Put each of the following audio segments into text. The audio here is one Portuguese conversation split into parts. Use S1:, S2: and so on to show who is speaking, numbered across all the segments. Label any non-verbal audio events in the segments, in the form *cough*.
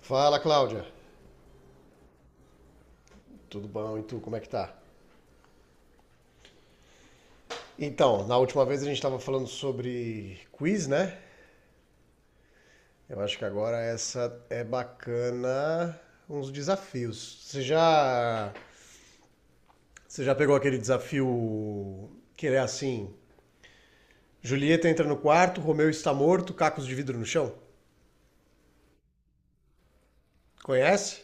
S1: Fala, Cláudia. Tudo bom? E tu, como é que tá? Então, na última vez a gente estava falando sobre quiz, né? Eu acho que agora essa é bacana uns desafios. Você já pegou aquele desafio que é assim: Julieta entra no quarto, Romeu está morto, cacos de vidro no chão? Conhece?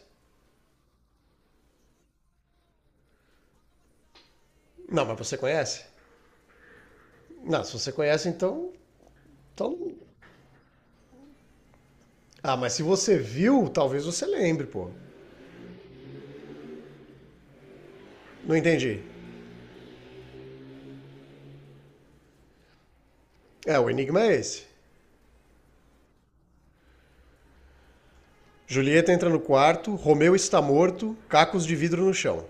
S1: Não, mas você conhece? Não, se você conhece, então. Ah, mas se você viu, talvez você lembre, pô. Não entendi. É, o enigma é esse. Julieta entra no quarto, Romeu está morto, cacos de vidro no chão.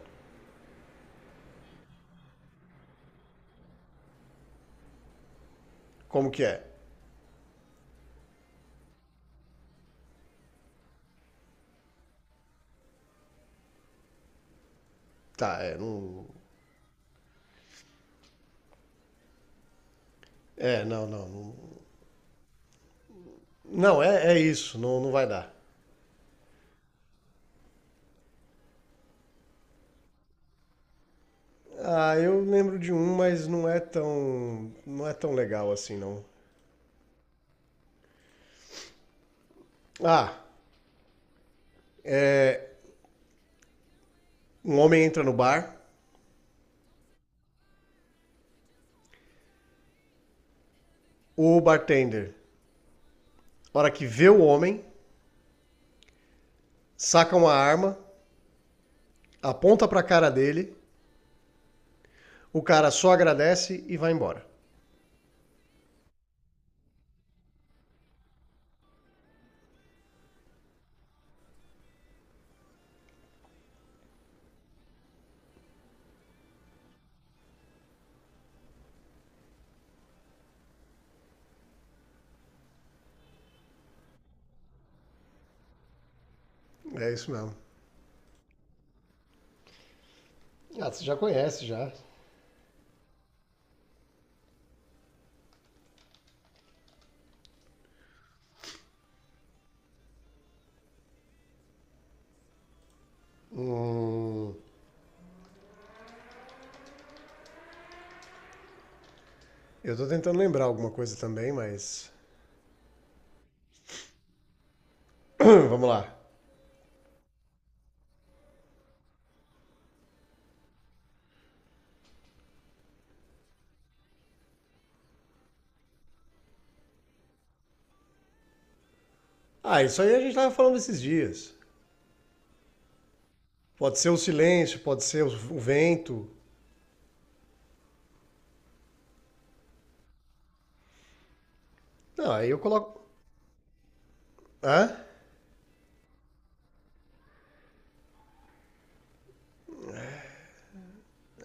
S1: Como que é? Tá, é, não. É, não, não. Não, não é, é isso, não, não vai dar. Ah, eu lembro de um, mas não é tão. Não é tão legal assim, não. Ah, é. Um homem entra no bar, o bartender, na hora que vê o homem, saca uma arma, aponta pra cara dele, o cara só agradece e vai embora. É isso mesmo. Ah, você já conhece já. Eu tô tentando lembrar alguma coisa também, mas. *clears throat* Vamos lá. Ah, isso aí a gente tava falando esses dias. Pode ser o silêncio, pode ser o vento. Não, aí eu coloco. Hã?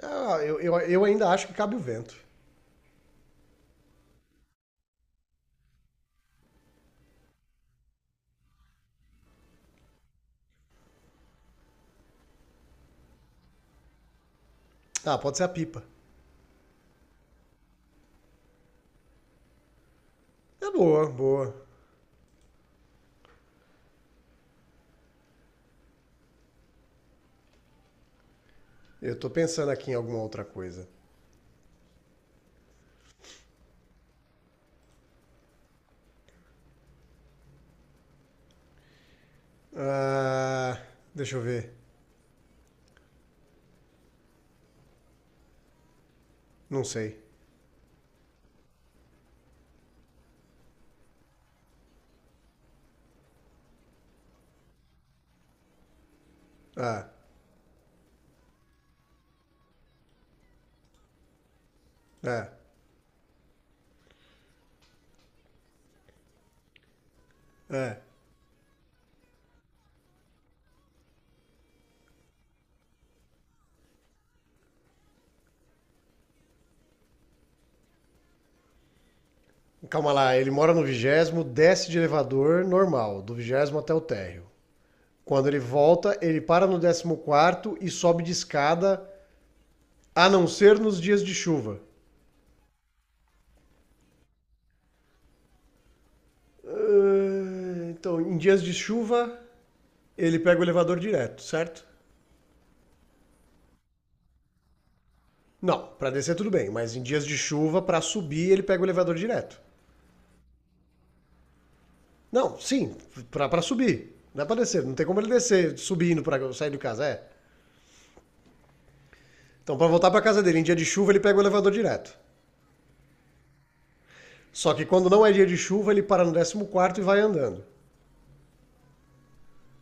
S1: Ah, eu ainda acho que cabe o vento. Ah, pode ser a pipa. É boa, boa. Eu tô pensando aqui em alguma outra coisa. Ah, deixa eu ver. Não sei. Ah, é, é. Calma lá, ele mora no vigésimo, desce de elevador normal, do vigésimo até o térreo. Quando ele volta, ele para no décimo quarto e sobe de escada, a não ser nos dias de chuva. Ah, então, em dias de chuva, ele pega o elevador direto, certo? Não, para descer tudo bem, mas em dias de chuva, para subir, ele pega o elevador direto. Não, sim, para pra subir. Não é pra descer, não tem como ele descer subindo para sair de casa, é. Então, para voltar pra casa dele em dia de chuva, ele pega o elevador direto. Só que quando não é dia de chuva, ele para no décimo quarto e vai andando.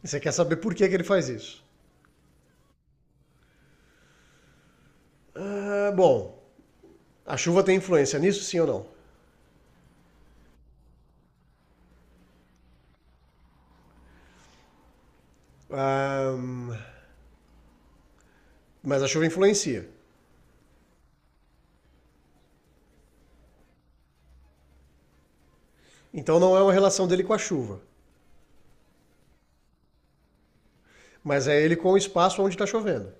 S1: E você quer saber por que, que ele faz isso? Ah, bom, a chuva tem influência nisso, sim ou não? Ah, mas a chuva influencia. Então não é uma relação dele com a chuva, mas é ele com o espaço onde está chovendo.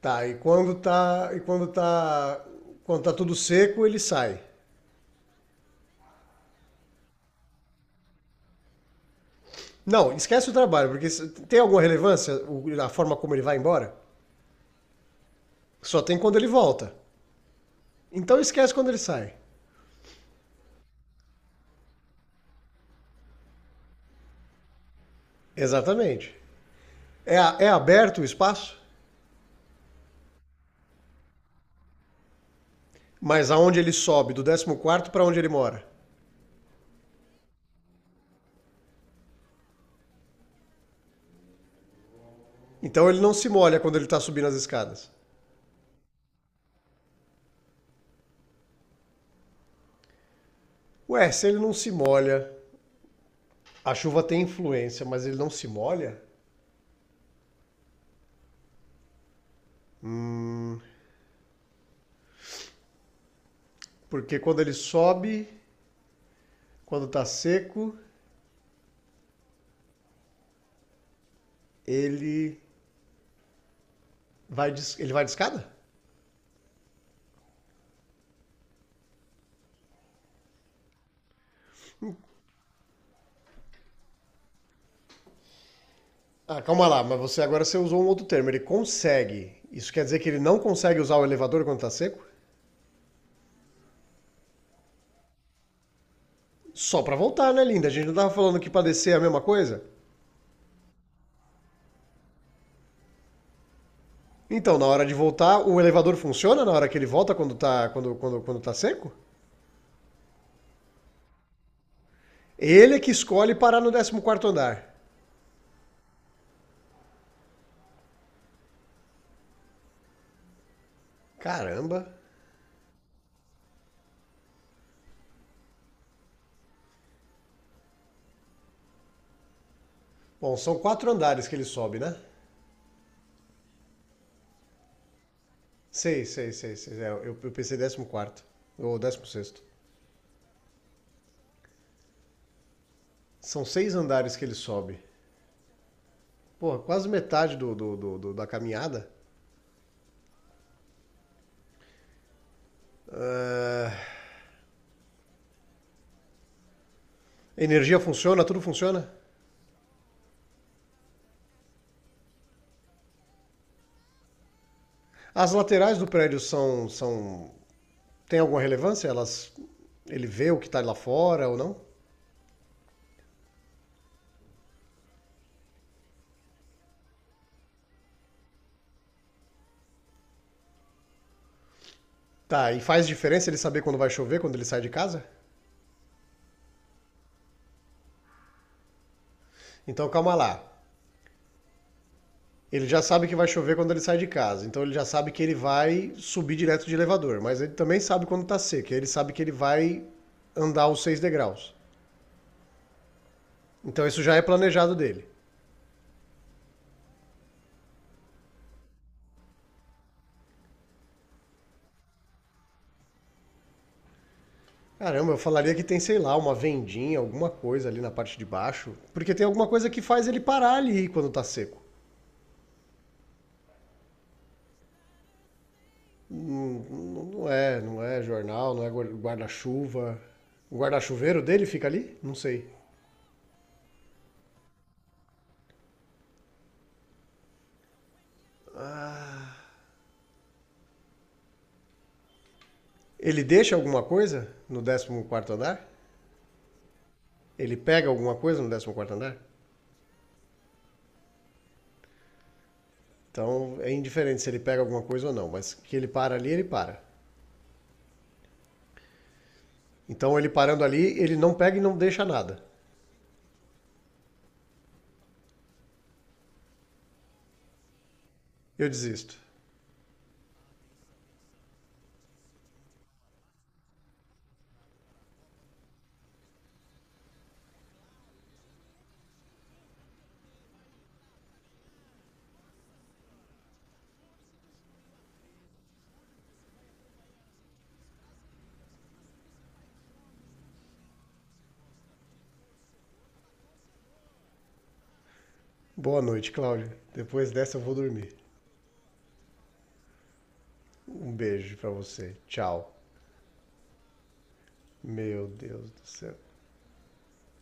S1: Tá, quando tá tudo seco, ele sai. Não, esquece o trabalho, porque tem alguma relevância a forma como ele vai embora? Só tem quando ele volta. Então esquece quando ele sai. Exatamente. É aberto o espaço, mas aonde ele sobe, do décimo quarto para onde ele mora? Então ele não se molha quando ele está subindo as escadas. Ué, se ele não se molha, a chuva tem influência, mas ele não se molha? Hum, porque quando ele sobe, quando está seco, ele ele vai de escada? Ah, calma lá, mas você agora você usou um outro termo, ele consegue. Isso quer dizer que ele não consegue usar o elevador quando está seco? Só para voltar, né, linda? A gente não tava falando que para descer é a mesma coisa? Então, na hora de voltar, o elevador funciona na hora que ele volta quando está quando, quando, quando tá seco? Ele é que escolhe parar no décimo quarto andar. Caramba. Bom, são quatro andares que ele sobe, né? Seis, seis, seis, seis. É, eu pensei décimo quarto ou décimo sexto. São seis andares que ele sobe. Pô, quase metade da caminhada. Ah, energia funciona? Tudo funciona? As laterais do prédio são. São tem alguma relevância? Elas. Ele vê o que tá lá fora ou não? Tá, e faz diferença ele saber quando vai chover, quando ele sai de casa? Então calma lá. Ele já sabe que vai chover quando ele sai de casa, então ele já sabe que ele vai subir direto de elevador, mas ele também sabe quando está seco, ele sabe que ele vai andar os seis degraus. Então isso já é planejado dele. Caramba, eu falaria que tem, sei lá, uma vendinha, alguma coisa ali na parte de baixo, porque tem alguma coisa que faz ele parar ali quando tá seco. Não, é, não é jornal, não é guarda-chuva. O guarda-chuveiro dele fica ali? Não sei. Ele deixa alguma coisa no décimo quarto andar? Ele pega alguma coisa no décimo quarto andar? Então é indiferente se ele pega alguma coisa ou não, mas que ele para ali, ele para. Então ele parando ali, ele não pega e não deixa nada. Eu desisto. Boa noite, Cláudio. Depois dessa eu vou dormir. Um beijo pra você. Tchau. Meu Deus do céu.